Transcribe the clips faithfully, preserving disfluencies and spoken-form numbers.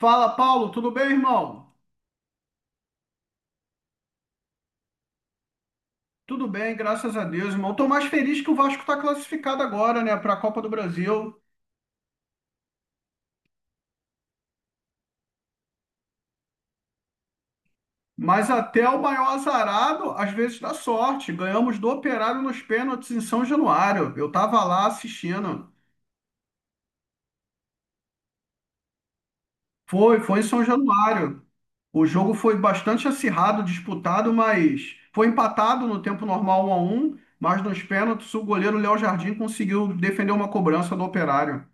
Fala, Paulo, tudo bem, irmão? Tudo bem, graças a Deus, irmão. Tô mais feliz que o Vasco está classificado agora, né, para a Copa do Brasil. Mas até o maior azarado, às vezes dá sorte. Ganhamos do Operário nos pênaltis em São Januário. Eu tava lá assistindo. Foi, foi em São Januário. O jogo foi bastante acirrado, disputado, mas foi empatado no tempo normal um a um, mas nos pênaltis o goleiro Léo Jardim conseguiu defender uma cobrança do Operário.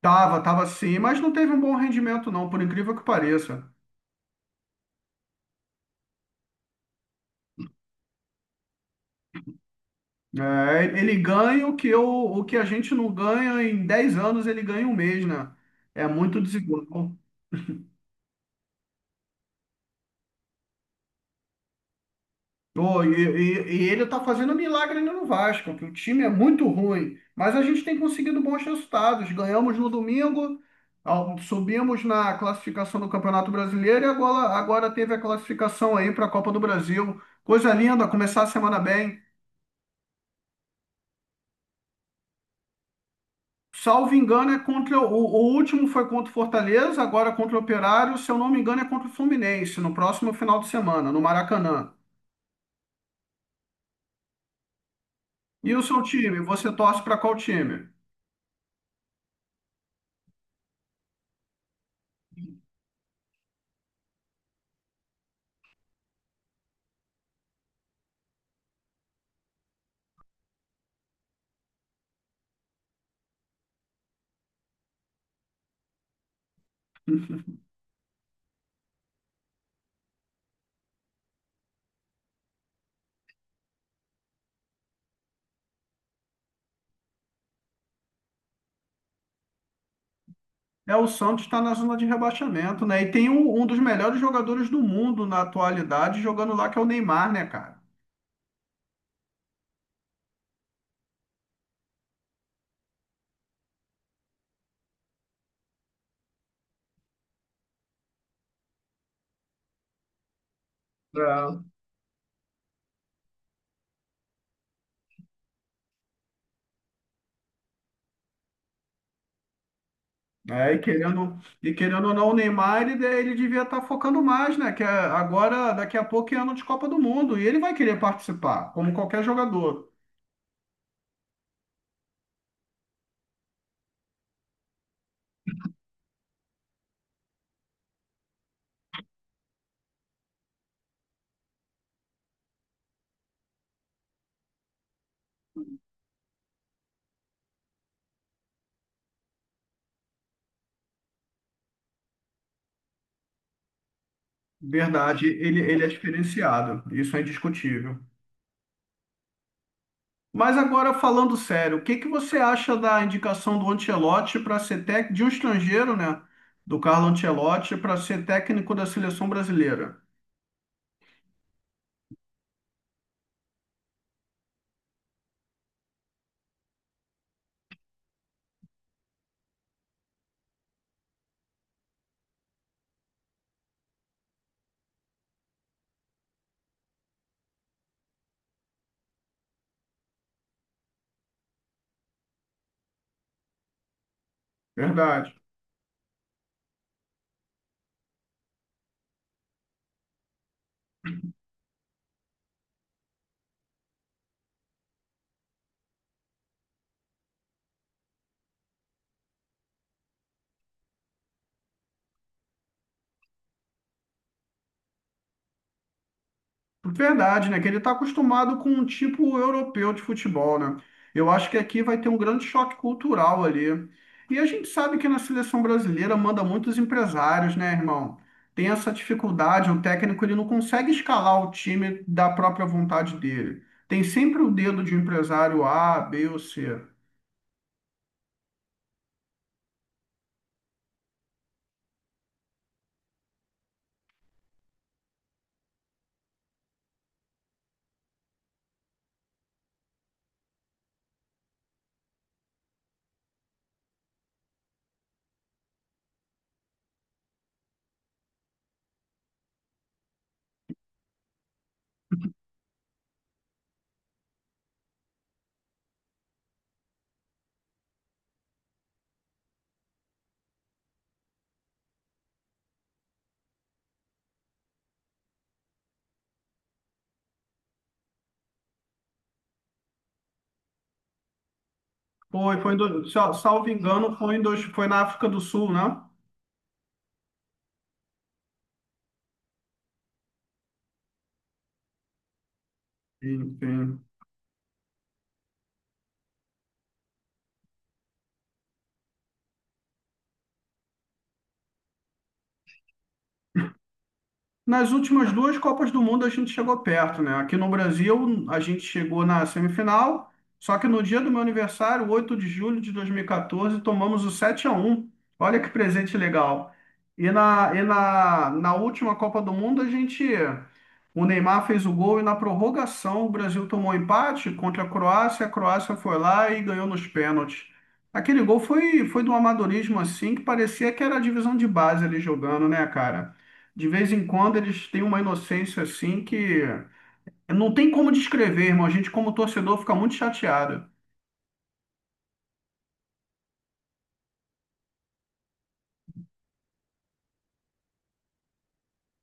Tava, tava sim, mas não teve um bom rendimento não, por incrível que pareça. É, ele ganha o que eu, o que a gente não ganha em dez anos, ele ganha em um mês, né? É muito desigual. Pô, e, e- e ele tá fazendo milagre ainda no Vasco, que o time é muito ruim, mas a gente tem conseguido bons resultados. Ganhamos no domingo, ao- subimos na classificação do Campeonato Brasileiro e agora, agora teve a classificação aí para a Copa do Brasil. Coisa linda, começar a semana bem. Salvo engano, é contra o, o último foi contra o Fortaleza, agora contra o Operário, se eu não me engano, é contra o Fluminense, no próximo final de semana, no Maracanã. E o seu time? Você torce para qual time? É, o Santos está na zona de rebaixamento, né? E tem um, um dos melhores jogadores do mundo na atualidade jogando lá, que é o Neymar, né, cara? É, É, e querendo, e querendo ou não, o Neymar, ele, de- ele devia estar focando mais, né? Que é- agora, daqui a pouco, é ano de Copa do Mundo. E ele vai querer participar, como qualquer jogador. Verdade, ele, ele é diferenciado, isso é indiscutível. Mas agora, falando sério, o que que você acha da indicação do Ancelotti para ser técnico de um estrangeiro, né? Do Carlo Ancelotti para ser técnico da seleção brasileira? Verdade. Verdade, né? Que ele está acostumado com um tipo europeu de futebol, né? Eu acho que aqui vai ter um grande choque cultural ali. E a gente sabe que na seleção brasileira manda muitos empresários, né, irmão? Tem essa dificuldade, o técnico ele não consegue escalar o time da própria vontade dele. Tem sempre o dedo de um empresário A, B ou C. Foi, foi em do- sal- salvo engano, foi, em dois, foi na África do Sul, né? Enfim. Nas últimas duas Copas do Mundo a gente chegou perto, né? Aqui no Brasil a gente chegou na semifinal, só que no dia do meu aniversário, oito de julho de dois mil e quatorze, tomamos o sete a um. Olha que presente legal. E na, e na, na última Copa do Mundo a gente o Neymar fez o gol e na prorrogação o Brasil tomou empate contra a Croácia, a Croácia foi lá e ganhou nos pênaltis. Aquele gol foi foi de um amadorismo assim que parecia que era a divisão de base ali jogando, né, cara? De vez em quando eles têm uma inocência assim que não tem como descrever, irmão. A gente, como torcedor, fica muito chateado.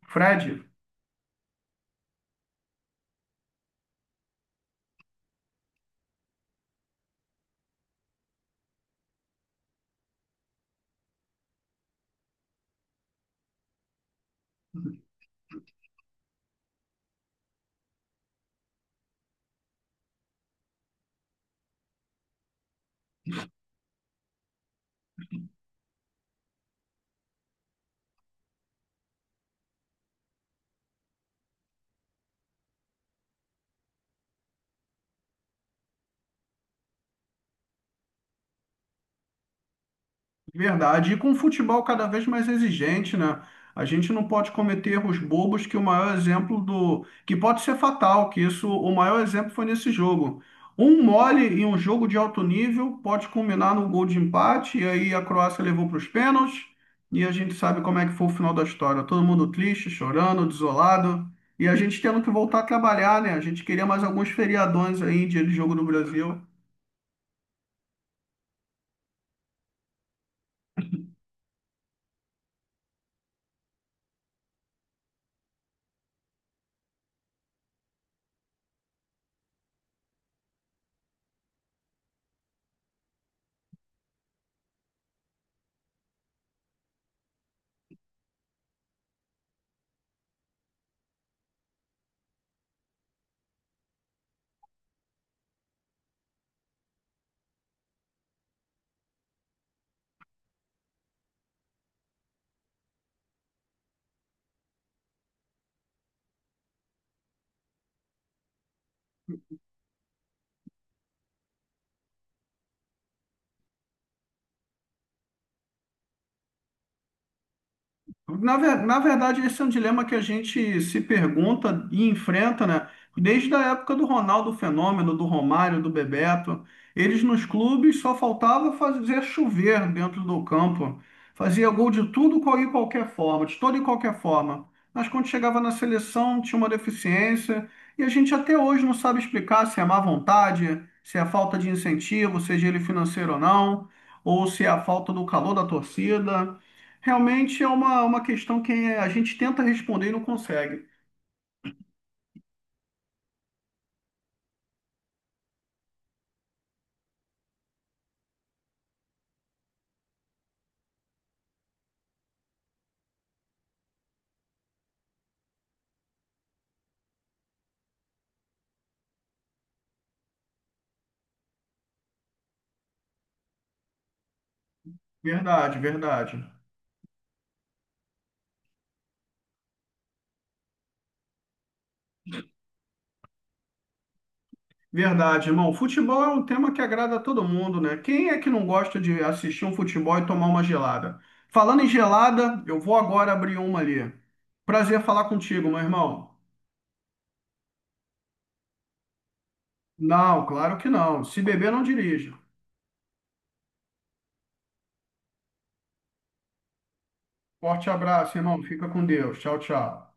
Fred. De verdade. E com o futebol cada vez mais exigente, né? A gente não pode cometer erros bobos que o maior exemplo do... que pode ser fatal, que isso, o maior exemplo foi nesse jogo. Um mole em um jogo de alto nível pode culminar no gol de empate, e aí a Croácia levou para os pênaltis, e a gente sabe como é que foi o final da história. Todo mundo triste, chorando, desolado, e a gente tendo que voltar a trabalhar, né? A gente queria mais alguns feriadões aí, dia de jogo do Brasil. Na, ver- na verdade, esse é um dilema que a gente se pergunta e enfrenta, né? Desde a época do Ronaldo Fenômeno, do Romário, do Bebeto. Eles nos clubes só faltava fazer chover dentro do campo. Fazia gol de tudo qual- e qualquer forma, de toda e qualquer forma. Mas quando chegava na seleção, tinha uma deficiência. E a gente até hoje não sabe explicar se é má vontade, se é falta de incentivo, seja ele financeiro ou não, ou se é a falta do calor da torcida. Realmente é uma, uma questão que a gente tenta responder e não consegue. Verdade, verdade. Verdade, irmão. Futebol é um tema que agrada a todo mundo, né? Quem é que não gosta de assistir um futebol e tomar uma gelada? Falando em gelada, eu vou agora abrir uma ali. Prazer falar contigo, meu irmão. Não, claro que não. Se beber, não dirija. Forte abraço, irmão. Fica com Deus. Tchau, tchau.